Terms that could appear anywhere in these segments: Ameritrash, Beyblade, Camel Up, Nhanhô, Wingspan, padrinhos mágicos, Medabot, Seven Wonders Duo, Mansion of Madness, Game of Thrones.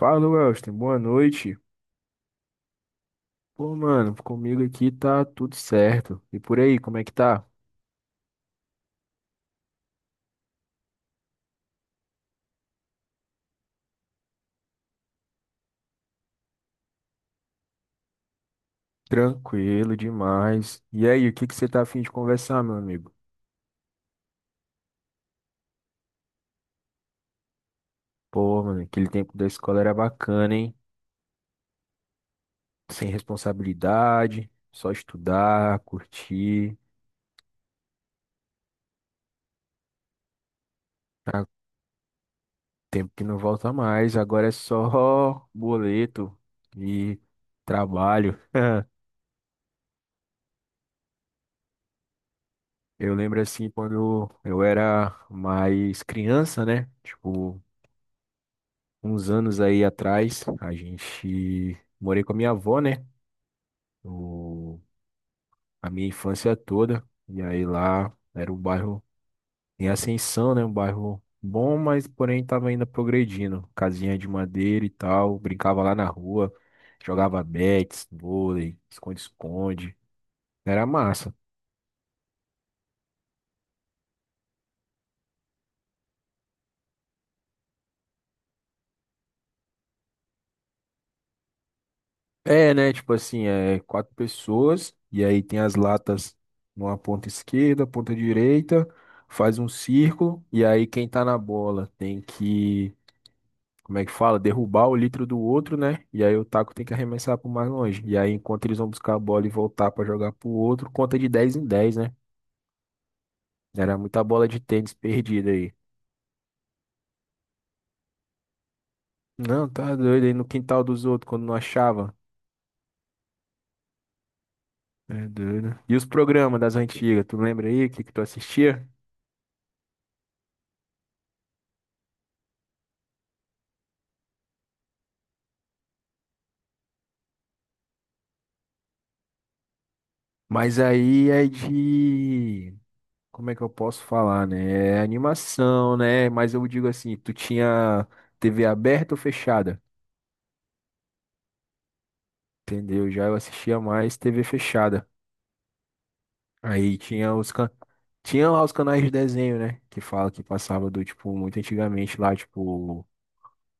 Fala, Welston. Boa noite. Pô, mano, comigo aqui tá tudo certo. E por aí, como é que tá? Tranquilo demais. E aí, o que que você tá afim de conversar, meu amigo? Pô, mano, aquele tempo da escola era bacana, hein? Sem responsabilidade, só estudar, curtir. Ah, tempo que não volta mais. Agora é só boleto e trabalho. Eu lembro assim quando eu era mais criança, né? Tipo, uns anos aí atrás, a gente morei com a minha avó, né? O, a minha infância toda. E aí lá era um bairro em ascensão, né? Um bairro bom, mas porém tava ainda progredindo. Casinha de madeira e tal, brincava lá na rua, jogava bets, vôlei, esconde-esconde. Era massa. É, né? Tipo assim, é quatro pessoas, e aí tem as latas numa ponta esquerda, ponta direita, faz um círculo, e aí quem tá na bola tem que, como é que fala? Derrubar o litro do outro, né? E aí o taco tem que arremessar pro mais longe. E aí, enquanto eles vão buscar a bola e voltar pra jogar pro outro, conta de 10 em 10, né? Era muita bola de tênis perdida aí. Não, tá doido aí no quintal dos outros quando não achava. É doido. E os programas das antigas, tu lembra aí o que que tu assistia? Mas aí é de. Como é que eu posso falar, né? É animação, né? Mas eu digo assim, tu tinha TV aberta ou fechada? Entendeu? Já eu assistia mais TV fechada. Aí tinha tinha lá os canais de desenho, né? Que fala que passava do tipo muito antigamente lá, tipo,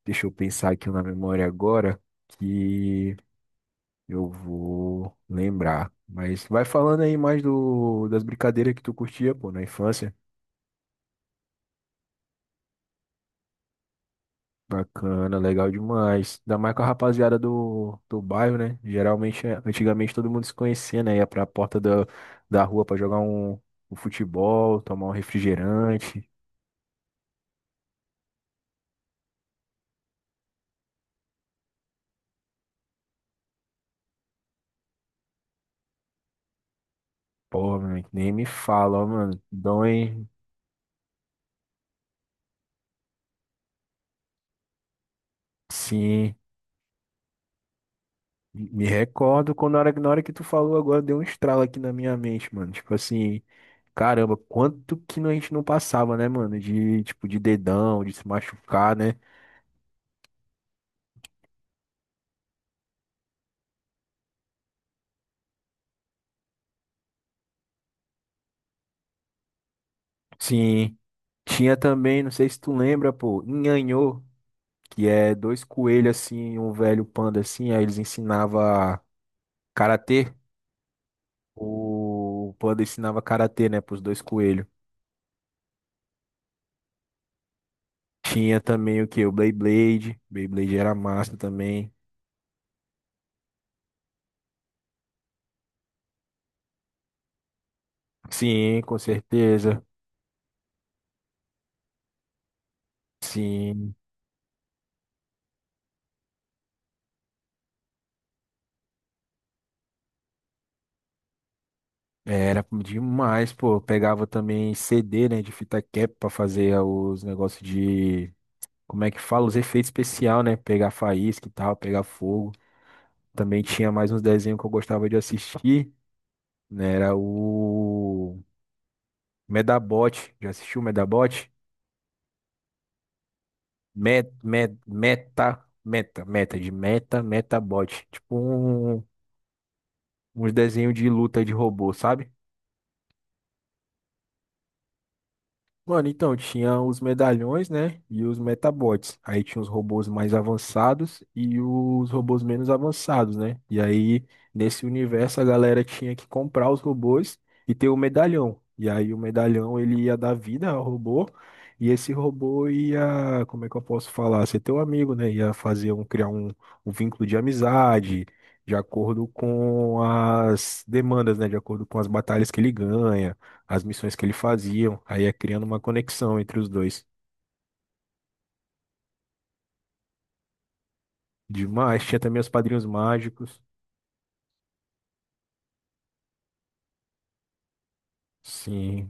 deixa eu pensar aqui na memória agora que eu vou lembrar. Mas vai falando aí mais do das brincadeiras que tu curtia, pô, na infância. Bacana, legal demais. Ainda mais com a rapaziada do bairro, né? Geralmente, é, antigamente todo mundo se conhecia, né? Ia pra porta da rua pra jogar um futebol, tomar um refrigerante. Pô, mano, nem me fala, ó, mano. Dói, sim. Me recordo quando na hora que tu falou agora deu um estralo aqui na minha mente, mano. Tipo assim, caramba, quanto que a gente não passava, né, mano? De, tipo, de dedão, de se machucar, né? Sim. Tinha também, não sei se tu lembra, pô, Nhanhô, que é dois coelhos assim, um velho panda assim, aí eles ensinava karatê. O panda ensinava karatê, né, pros dois coelhos. Tinha também o que? O Beyblade. Beyblade era massa também. Sim, com certeza. Sim, era demais, pô. Eu pegava também CD, né, de fita cap pra fazer os negócios de, como é que fala? Os efeitos especial, né? Pegar faísca e tal, pegar fogo. Também tinha mais uns desenhos que eu gostava de assistir, né? Era o Medabot. Já assistiu o Medabot? Metabot. Tipo um, uns desenhos de luta de robô, sabe? Mano, então tinha os medalhões, né? E os metabots. Aí tinha os robôs mais avançados e os robôs menos avançados, né? E aí, nesse universo, a galera tinha que comprar os robôs e ter o medalhão. E aí, o medalhão ele ia dar vida ao robô. E esse robô ia, como é que eu posso falar? Ser teu amigo, né? Ia fazer um, criar um, um vínculo de amizade, de acordo com as demandas, né? De acordo com as batalhas que ele ganha as missões que ele fazia, aí ia criando uma conexão entre os dois. Demais, tinha também os padrinhos mágicos. Sim,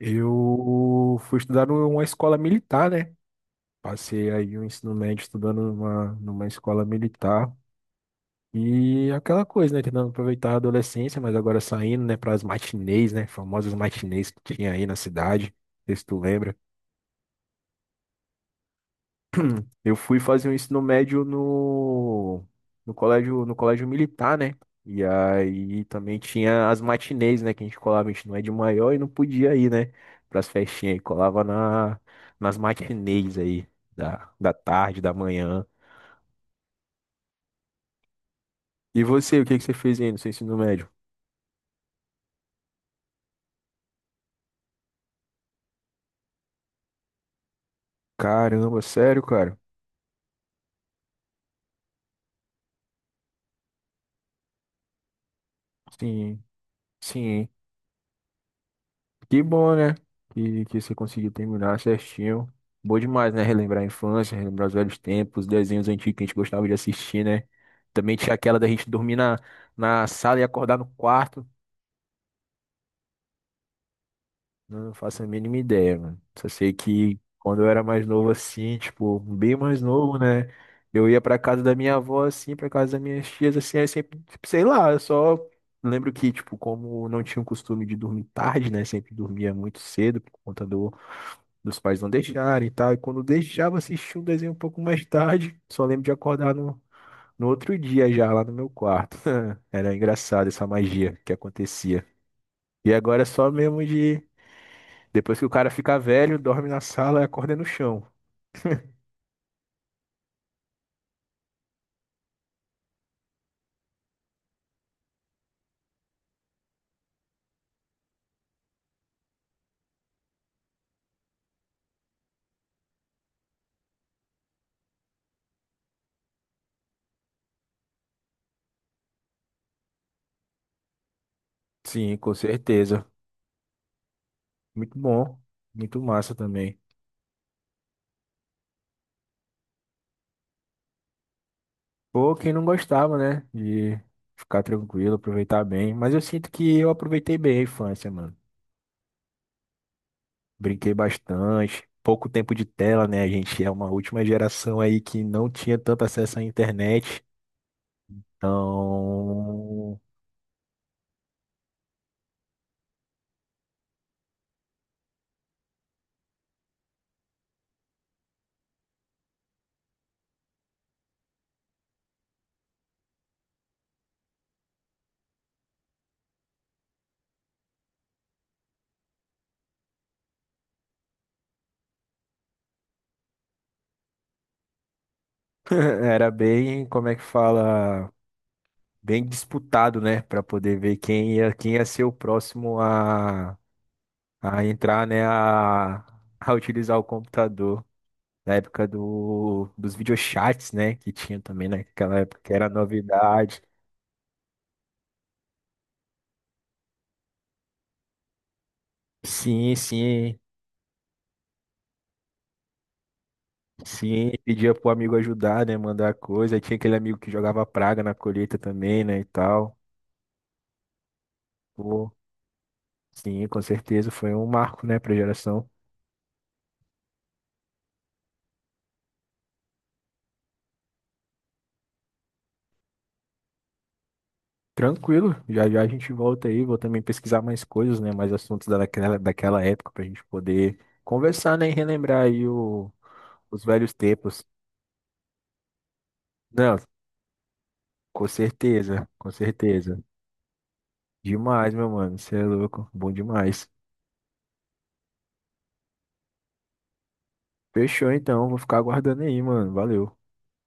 eu fui estudar numa escola militar, né? Passei aí o ensino médio estudando numa escola militar. E aquela coisa, né? Tentando aproveitar a adolescência, mas agora saindo, né, para as matinês, né? Famosas matinês que tinha aí na cidade. Não sei se tu lembra. Eu fui fazer o ensino médio no colégio, no colégio militar, né? E aí também tinha as matinês, né? Que a gente colava, a gente não é de maior e não podia ir, né? Pras festinhas aí, colava na, nas matinês aí, da tarde, da manhã. E você, o que que você fez aí no seu ensino médio? Caramba, sério, cara? Sim, sim. Que bom, né? Que você conseguiu terminar certinho. Bom demais, né? Relembrar a infância, relembrar os velhos tempos, desenhos antigos que a gente gostava de assistir, né? Também tinha aquela da gente dormir na sala e acordar no quarto. Não faço a mínima ideia, mano. Só sei que quando eu era mais novo assim, tipo, bem mais novo, né? Eu ia pra casa da minha avó, assim, pra casa das minhas tias, assim, aí sempre, tipo, sei lá, eu só lembro que, tipo, como não tinha o costume de dormir tarde, né? Sempre dormia muito cedo por conta do dos pais não deixarem e tal. E quando deixava assistir um desenho um pouco mais tarde, só lembro de acordar no outro dia já lá no meu quarto. Era engraçado essa magia que acontecia. E agora é só mesmo de. Depois que o cara fica velho, dorme na sala e acorda no chão. Sim, com certeza. Muito bom. Muito massa também. Pô, quem não gostava, né? De ficar tranquilo, aproveitar bem. Mas eu sinto que eu aproveitei bem a infância, mano. Brinquei bastante. Pouco tempo de tela, né? A gente é uma última geração aí que não tinha tanto acesso à internet. Então, era bem, como é que fala? Bem disputado, né? Para poder ver quem ia ser o próximo a entrar, né? A utilizar o computador. Na época dos videochats, né? Que tinha também né? Naquela época, que era novidade. Sim, sim. Sim, pedia pro amigo ajudar, né? Mandar coisa. Aí tinha aquele amigo que jogava praga na colheita também, né? E tal. Pô, sim, com certeza. Foi um marco, né, pra geração. Tranquilo, já já a gente volta aí. Vou também pesquisar mais coisas, né? Mais assuntos daquela, daquela época pra gente poder conversar, né? E relembrar aí o, os velhos tempos. Não, com certeza, com certeza. Demais, meu mano. Você é louco. Bom demais. Fechou então, vou ficar aguardando aí, mano. Valeu.